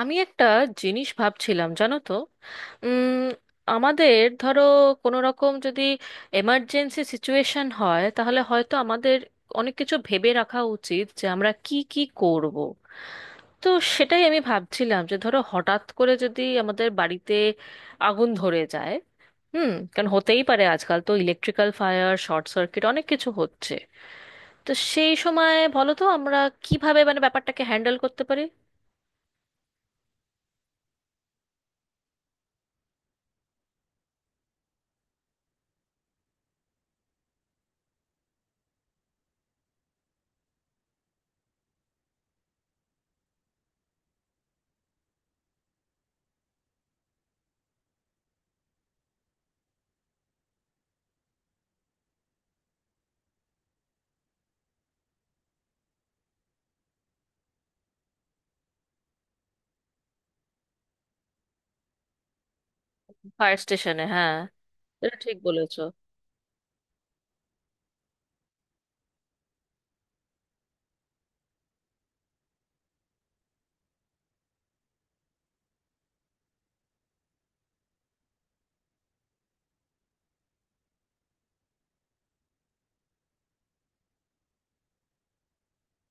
আমি একটা জিনিস ভাবছিলাম জানো তো। উম আমাদের ধরো, কোনো রকম যদি এমার্জেন্সি সিচুয়েশন হয়, তাহলে হয়তো আমাদের অনেক কিছু ভেবে রাখা উচিত যে আমরা কি কি করব। তো সেটাই আমি ভাবছিলাম যে ধরো হঠাৎ করে যদি আমাদের বাড়িতে আগুন ধরে যায়। হুম, কারণ হতেই পারে, আজকাল তো ইলেকট্রিক্যাল ফায়ার, শর্ট সার্কিট অনেক কিছু হচ্ছে। তো সেই সময় বলো তো আমরা কিভাবে মানে ব্যাপারটাকে হ্যান্ডেল করতে পারি। ফায়ার স্টেশনে, হ্যাঁ। এটা ঠিক বলেছো।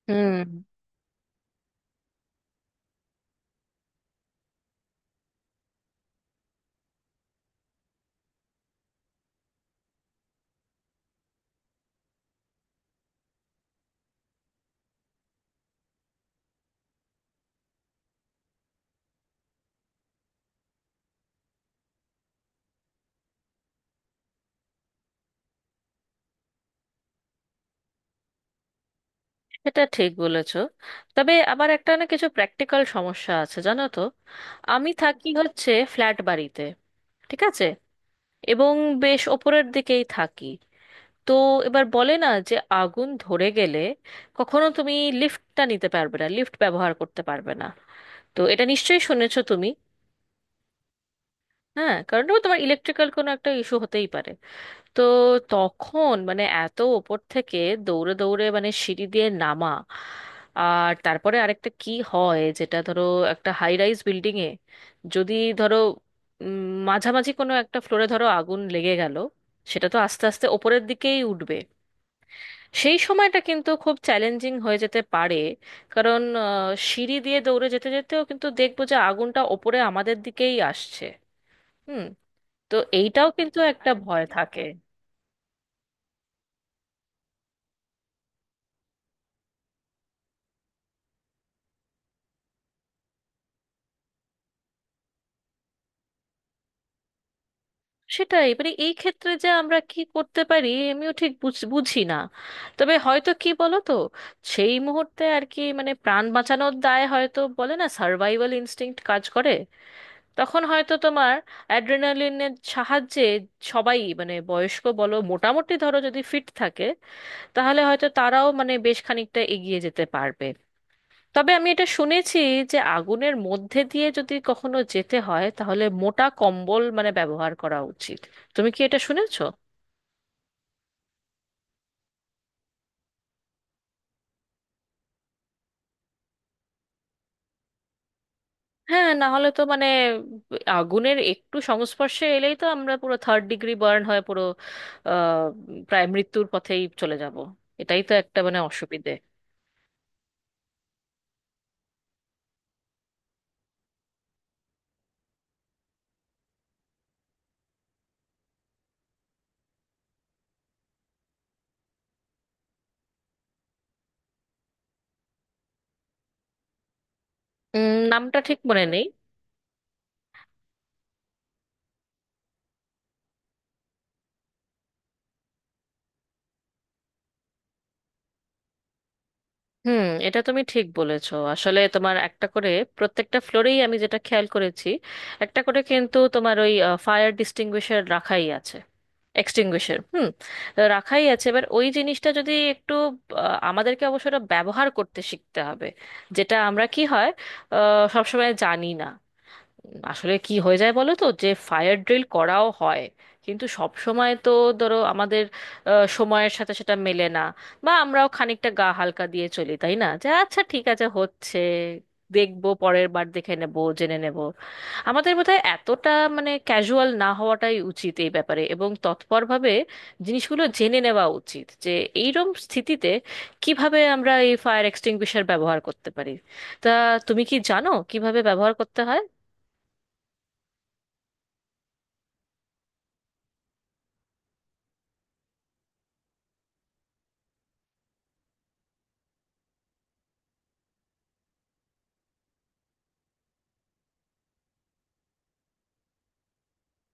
হুম, এটা ঠিক বলেছো। তবে আমার একটা না কিছু প্র্যাকটিক্যাল সমস্যা আছে জানো তো। আমি থাকি হচ্ছে ফ্ল্যাট বাড়িতে, ঠিক আছে, এবং বেশ ওপরের দিকেই থাকি। তো এবার বলে না যে আগুন ধরে গেলে কখনো তুমি লিফটটা নিতে পারবে না, লিফট ব্যবহার করতে পারবে না। তো এটা নিশ্চয়ই শুনেছো তুমি। হ্যাঁ, কারণ ও তোমার ইলেকট্রিক্যাল কোনো একটা ইস্যু হতেই পারে। তো তখন মানে এত ওপর থেকে দৌড়ে দৌড়ে মানে সিঁড়ি দিয়ে নামা। আর তারপরে আরেকটা কি হয় যেটা ধরো, একটা হাই রাইজ বিল্ডিং এ যদি ধরো উম, মাঝামাঝি কোনো একটা ফ্লোরে ধরো আগুন লেগে গেল, সেটা তো আস্তে আস্তে ওপরের দিকেই উঠবে। সেই সময়টা কিন্তু খুব চ্যালেঞ্জিং হয়ে যেতে পারে। কারণ সিঁড়ি দিয়ে দৌড়ে যেতে যেতেও কিন্তু দেখবো যে আগুনটা ওপরে আমাদের দিকেই আসছে। হুম, তো এইটাও কিন্তু একটা ভয় থাকে। সেটাই মানে এই ক্ষেত্রে যে আমরা কি করতে পারি আমিও ঠিক বুঝি না। তবে হয়তো কি বলো তো, সেই মুহূর্তে আর কি মানে প্রাণ বাঁচানোর দায় হয়তো, বলে না, সার্ভাইভাল ইনস্টিংক্ট কাজ করে। তখন হয়তো তোমার অ্যাড্রেনালিনের সাহায্যে সবাই মানে বয়স্ক বলো, মোটামুটি ধরো যদি ফিট থাকে তাহলে হয়তো তারাও মানে বেশ খানিকটা এগিয়ে যেতে পারবে। তবে আমি এটা শুনেছি যে আগুনের মধ্যে দিয়ে যদি কখনো যেতে হয়, তাহলে মোটা কম্বল মানে ব্যবহার করা উচিত। তুমি কি এটা শুনেছো? হ্যাঁ, না হলে তো মানে আগুনের একটু সংস্পর্শে এলেই তো আমরা পুরো থার্ড ডিগ্রি বার্ন হয়ে পুরো আহ, প্রায় মৃত্যুর পথেই চলে যাব। এটাই তো একটা মানে অসুবিধে। নামটা ঠিক মনে নেই। হুম, এটা তুমি ঠিক বলেছো, আসলে তোমার একটা করে প্রত্যেকটা ফ্লোরেই আমি যেটা খেয়াল করেছি, একটা করে কিন্তু তোমার ওই ফায়ার ডিস্টিংগুইশার রাখাই আছে। এক্সটিংগুইশার, হুম, রাখাই আছে। এবার ওই জিনিসটা যদি একটু আমাদেরকে অবশ্য এটা ব্যবহার করতে শিখতে হবে, যেটা আমরা কি হয় সবসময় জানি না। আসলে কি হয়ে যায় বলো তো যে ফায়ার ড্রিল করাও হয়, কিন্তু সব সময় তো ধরো আমাদের সময়ের সাথে সেটা মেলে না। বা আমরাও খানিকটা গা হালকা দিয়ে চলি, তাই না, যে আচ্ছা ঠিক আছে, হচ্ছে, দেখবো, পরের বার দেখে নেব, জেনে নেব। আমাদের বোধহয় এতটা মানে ক্যাজুয়াল না হওয়াটাই উচিত এই ব্যাপারে, এবং তৎপরভাবে জিনিসগুলো জেনে নেওয়া উচিত যে এইরকম স্থিতিতে কিভাবে আমরা এই ফায়ার এক্সটিংগুইশার ব্যবহার করতে পারি। তা তুমি কি জানো কিভাবে ব্যবহার করতে হয়?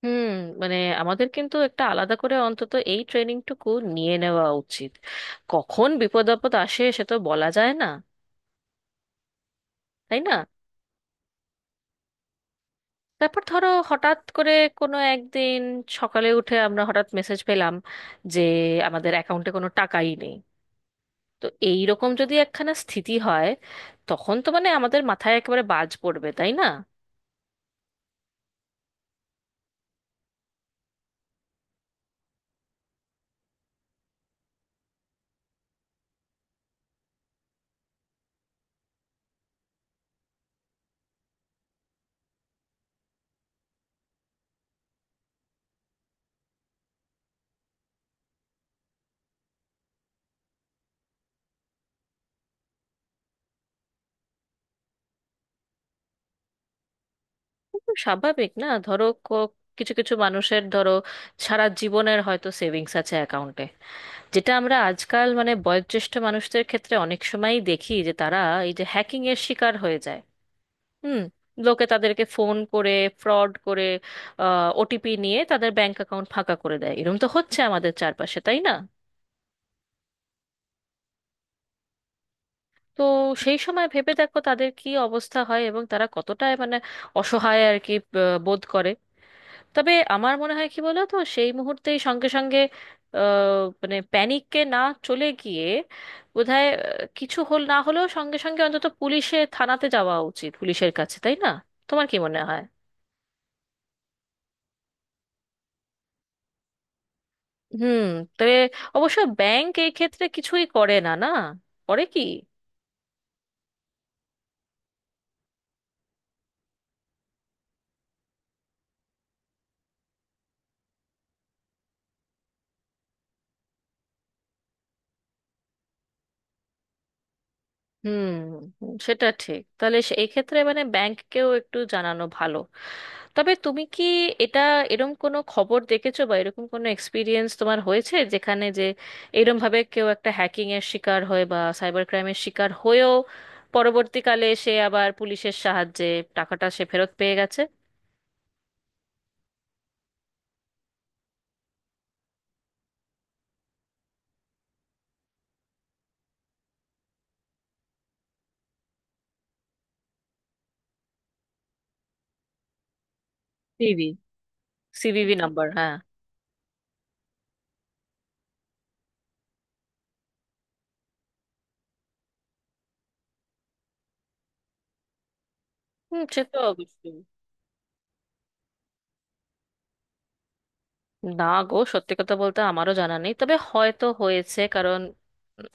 হুম, মানে আমাদের কিন্তু একটা আলাদা করে অন্তত এই ট্রেনিংটুকু নিয়ে নেওয়া উচিত। কখন বিপদ আপদ আসে সে তো বলা যায় না, তাই না? তারপর ধরো হঠাৎ করে কোনো একদিন সকালে উঠে আমরা হঠাৎ মেসেজ পেলাম যে আমাদের অ্যাকাউন্টে কোনো টাকাই নেই। তো এই রকম যদি একখানা স্থিতি হয়, তখন তো মানে আমাদের মাথায় একেবারে বাজ পড়বে, তাই না? একদম স্বাভাবিক না, ধরো কিছু কিছু মানুষের ধরো সারা জীবনের হয়তো সেভিংস আছে অ্যাকাউন্টে, যেটা আমরা আজকাল মানে বয়োজ্যেষ্ঠ মানুষদের ক্ষেত্রে অনেক সময়ই দেখি যে তারা এই যে হ্যাকিং এর শিকার হয়ে যায়। হুম, লোকে তাদেরকে ফোন করে, ফ্রড করে, ওটিপি নিয়ে তাদের ব্যাংক অ্যাকাউন্ট ফাঁকা করে দেয়, এরকম তো হচ্ছে আমাদের চারপাশে, তাই না? তো সেই সময় ভেবে দেখো তাদের কি অবস্থা হয়, এবং তারা কতটা মানে অসহায় আর কি বোধ করে। তবে আমার মনে হয় কি বলো তো, সেই মুহূর্তেই সঙ্গে সঙ্গে আহ, মানে প্যানিককে না চলে গিয়ে বোধহয় কিছু হল না হলেও সঙ্গে সঙ্গে অন্তত পুলিশে, থানাতে যাওয়া উচিত, পুলিশের কাছে, তাই না? তোমার কি মনে হয়? হুম, তবে অবশ্য ব্যাংক এই ক্ষেত্রে কিছুই করে না, না করে কি? হুম, সেটা ঠিক, তাহলে এই ক্ষেত্রে মানে ব্যাংককেও একটু জানানো ভালো। তবে তুমি কি এটা এরম কোনো খবর দেখেছো, বা এরকম কোনো এক্সপিরিয়েন্স তোমার হয়েছে যেখানে যে এরম ভাবে কেউ একটা হ্যাকিং এর শিকার হয়ে বা সাইবার ক্রাইমের শিকার হয়েও পরবর্তীকালে সে আবার পুলিশের সাহায্যে টাকাটা সে ফেরত পেয়ে গেছে? সিবি, সিভিভি নাম্বার, হ্যাঁ। হুম, সে তো অবশ্যই। না গো, সত্যি কথা বলতে আমারও জানা নেই, তবে হয়তো হয়েছে। কারণ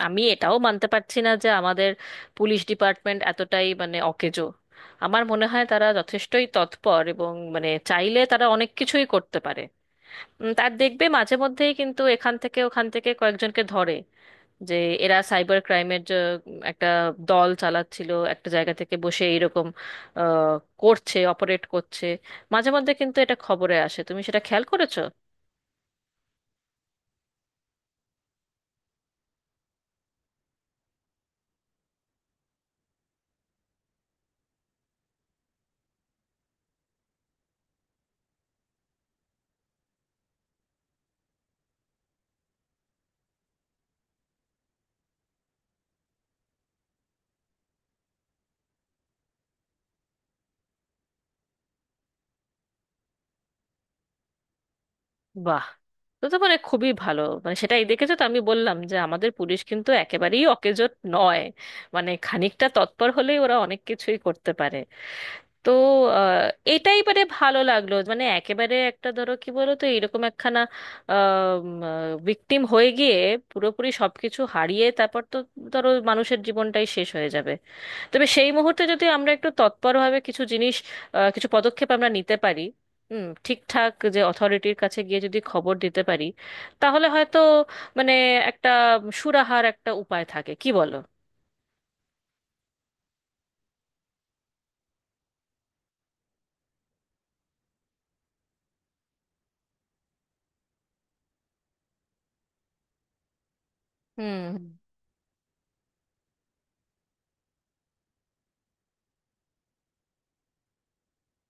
আমি এটাও মানতে পারছি না যে আমাদের পুলিশ ডিপার্টমেন্ট এতটাই মানে অকেজো। আমার মনে হয় তারা যথেষ্টই তৎপর, এবং মানে চাইলে তারা অনেক কিছুই করতে পারে। তার দেখবে মাঝে মধ্যেই কিন্তু এখান থেকে ওখান থেকে কয়েকজনকে ধরে যে এরা সাইবার ক্রাইমের যে একটা দল চালাচ্ছিল একটা জায়গা থেকে বসে, এইরকম আহ, করছে, অপারেট করছে। মাঝে মধ্যে কিন্তু এটা খবরে আসে, তুমি সেটা খেয়াল করেছো? বাহ, তো তো মানে খুবই ভালো, মানে সেটাই দেখেছো, তো আমি বললাম যে আমাদের পুলিশ কিন্তু একেবারেই অকেজো নয়। মানে খানিকটা তৎপর হলেই ওরা অনেক কিছুই করতে পারে। তো এটাই মানে ভালো লাগলো, মানে একেবারে একটা ধরো কি বলো তো, এরকম একখানা ভিকটিম হয়ে গিয়ে পুরোপুরি সবকিছু হারিয়ে তারপর তো ধরো মানুষের জীবনটাই শেষ হয়ে যাবে। তবে সেই মুহূর্তে যদি আমরা একটু তৎপরভাবে কিছু জিনিস কিছু পদক্ষেপ আমরা নিতে পারি, হুম, ঠিকঠাক যে অথরিটির কাছে গিয়ে যদি খবর দিতে পারি, তাহলে হয়তো মানে একটা সুরাহার একটা উপায় থাকে, কি বলো? হুম।